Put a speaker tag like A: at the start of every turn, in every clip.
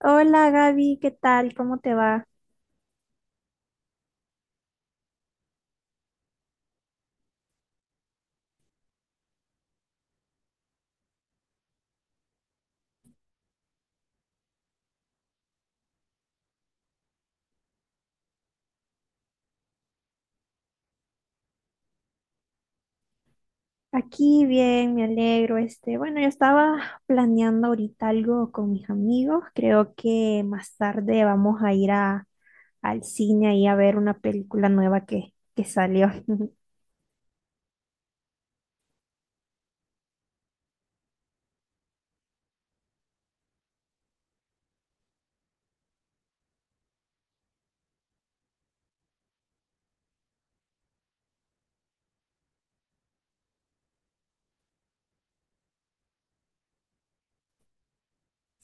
A: Hola Gaby, ¿qué tal? ¿Cómo te va? Aquí bien, me alegro. Yo estaba planeando ahorita algo con mis amigos. Creo que más tarde vamos a ir al cine y a ver una película nueva que salió.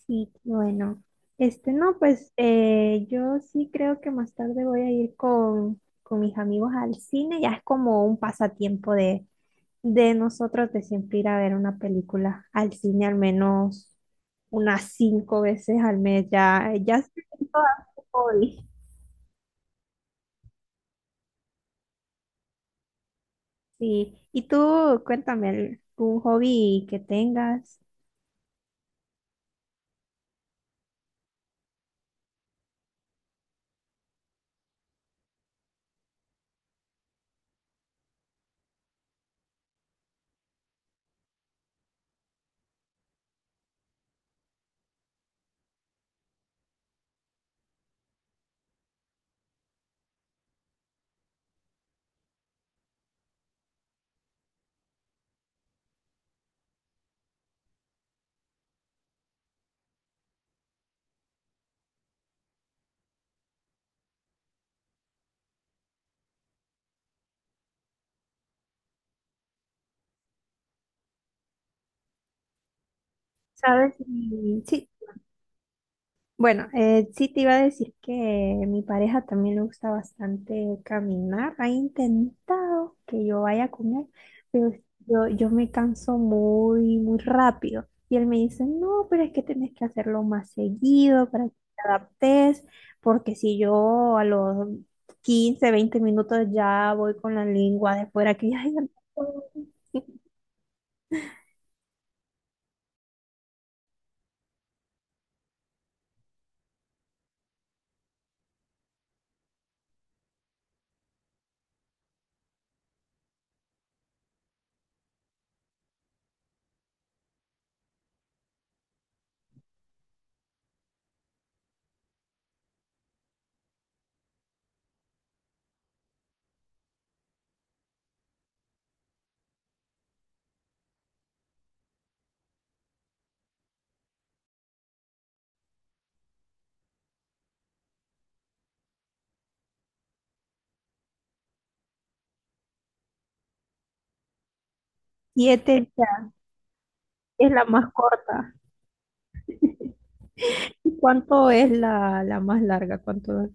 A: Sí, bueno. Este, no, pues yo sí creo que más tarde voy a ir con mis amigos al cine. Ya es como un pasatiempo de nosotros de siempre ir a ver una película al cine al menos unas cinco veces al mes, ya, ya se me hizo un hobby. Sí, y tú cuéntame algún hobby que tengas, ¿sabes? Sí, bueno, sí te iba a decir que mi pareja también le gusta bastante caminar. Ha intentado que yo vaya con él, pero yo me canso muy rápido. Y él me dice, no, pero es que tenés que hacerlo más seguido para que te adaptes, porque si yo a los 15, 20 minutos ya voy con la lengua de fuera, que ya 7 ya es la más corta. ¿Y cuánto es la más larga? ¿Cuánto?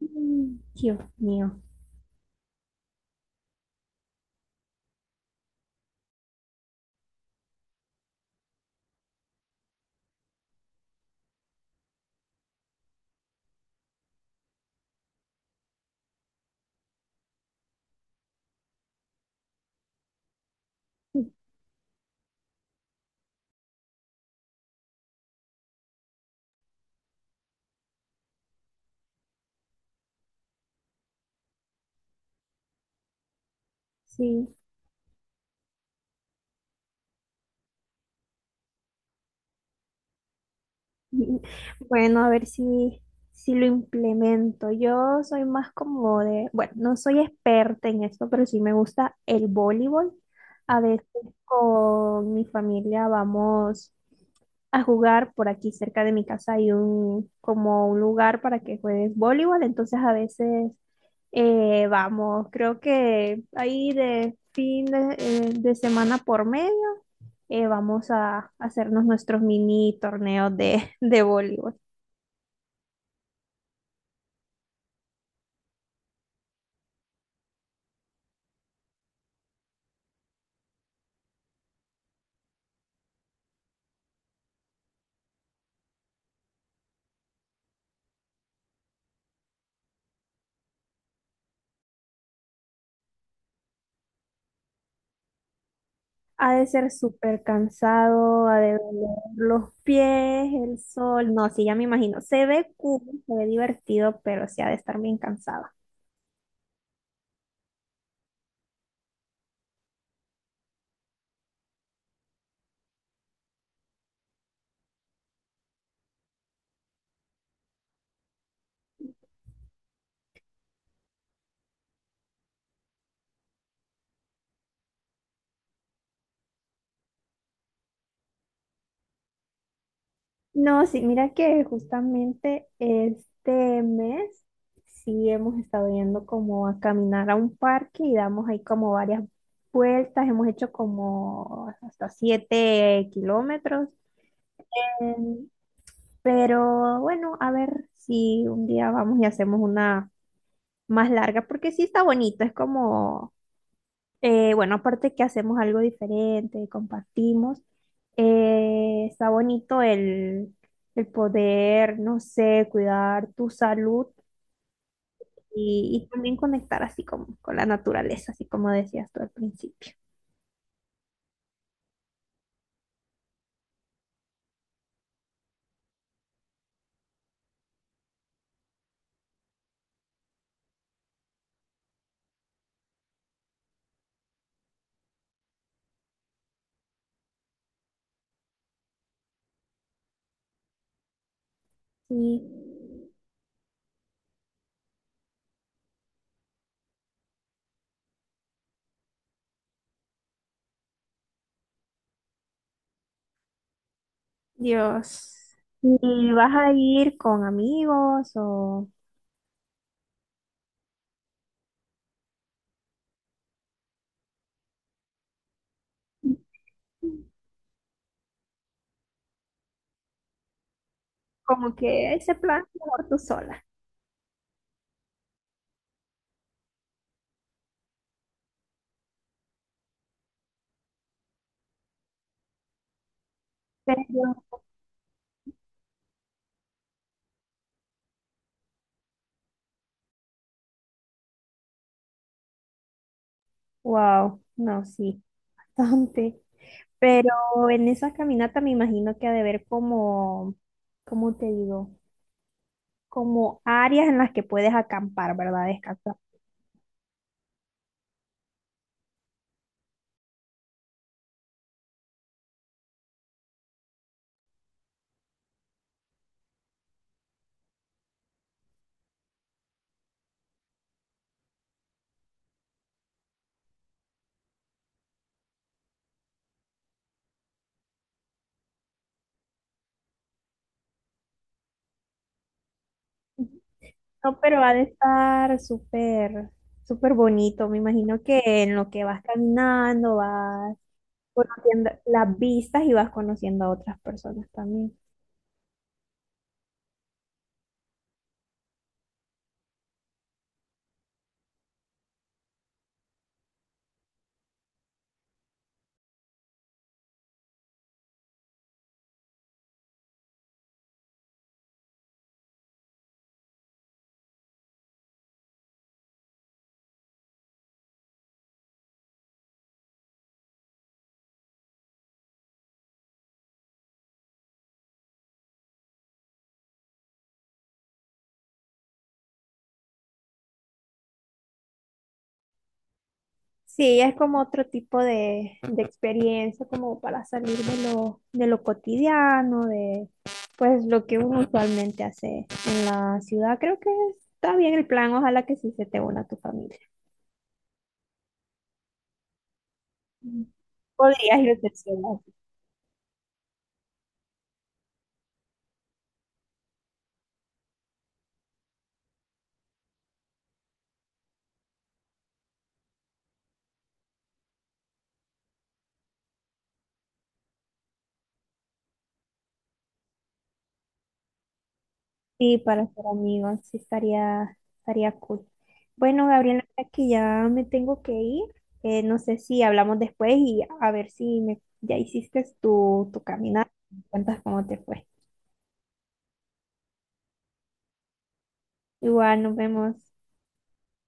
A: Mm, Dios mío, sí. Bueno, a ver si, si lo implemento. Yo soy más como de, bueno, no soy experta en esto, pero sí me gusta el voleibol. A veces con mi familia vamos a jugar. Por aquí cerca de mi casa hay un, como un lugar para que juegues voleibol. Entonces a veces vamos, creo que ahí de fin de semana por mes, vamos a hacernos nuestros mini torneos de voleibol. Ha de ser súper cansado, ha de doler los pies, el sol. No, sí, ya me imagino. Se ve cool, se ve divertido, pero sí ha de estar bien cansada. No, sí, mira que justamente este mes sí hemos estado yendo como a caminar a un parque y damos ahí como varias vueltas, hemos hecho como hasta 7 kilómetros. Em, pero bueno, a ver si un día vamos y hacemos una más larga, porque sí está bonito, es como bueno, aparte que hacemos algo diferente, compartimos, está bonito el poder, no sé, cuidar tu salud y también conectar así como con la naturaleza, así como decías tú al principio. Sí, Dios. ¿Y vas a ir con amigos o como que ese plan mejor tú sola? Pero, wow, no, sí, bastante. Pero en esa caminata me imagino que ha de haber como, ¿cómo te digo? Como áreas en las que puedes acampar, ¿verdad? Descansar. No, pero ha de estar súper, súper bonito. Me imagino que en lo que vas caminando, vas conociendo las vistas y vas conociendo a otras personas también. Sí, es como otro tipo de experiencia, como para salir de lo cotidiano, de pues lo que uno usualmente hace en la ciudad. Creo que está bien el plan, ojalá que sí se te una a tu familia. Mm. Podrías irte sola. Sí, para ser amigos, sí estaría, estaría cool. Bueno, Gabriela, mira que ya me tengo que ir. No sé si hablamos después y a ver si me, ya hiciste tu, tu caminata. Me cuentas cómo te fue. Igual, nos vemos.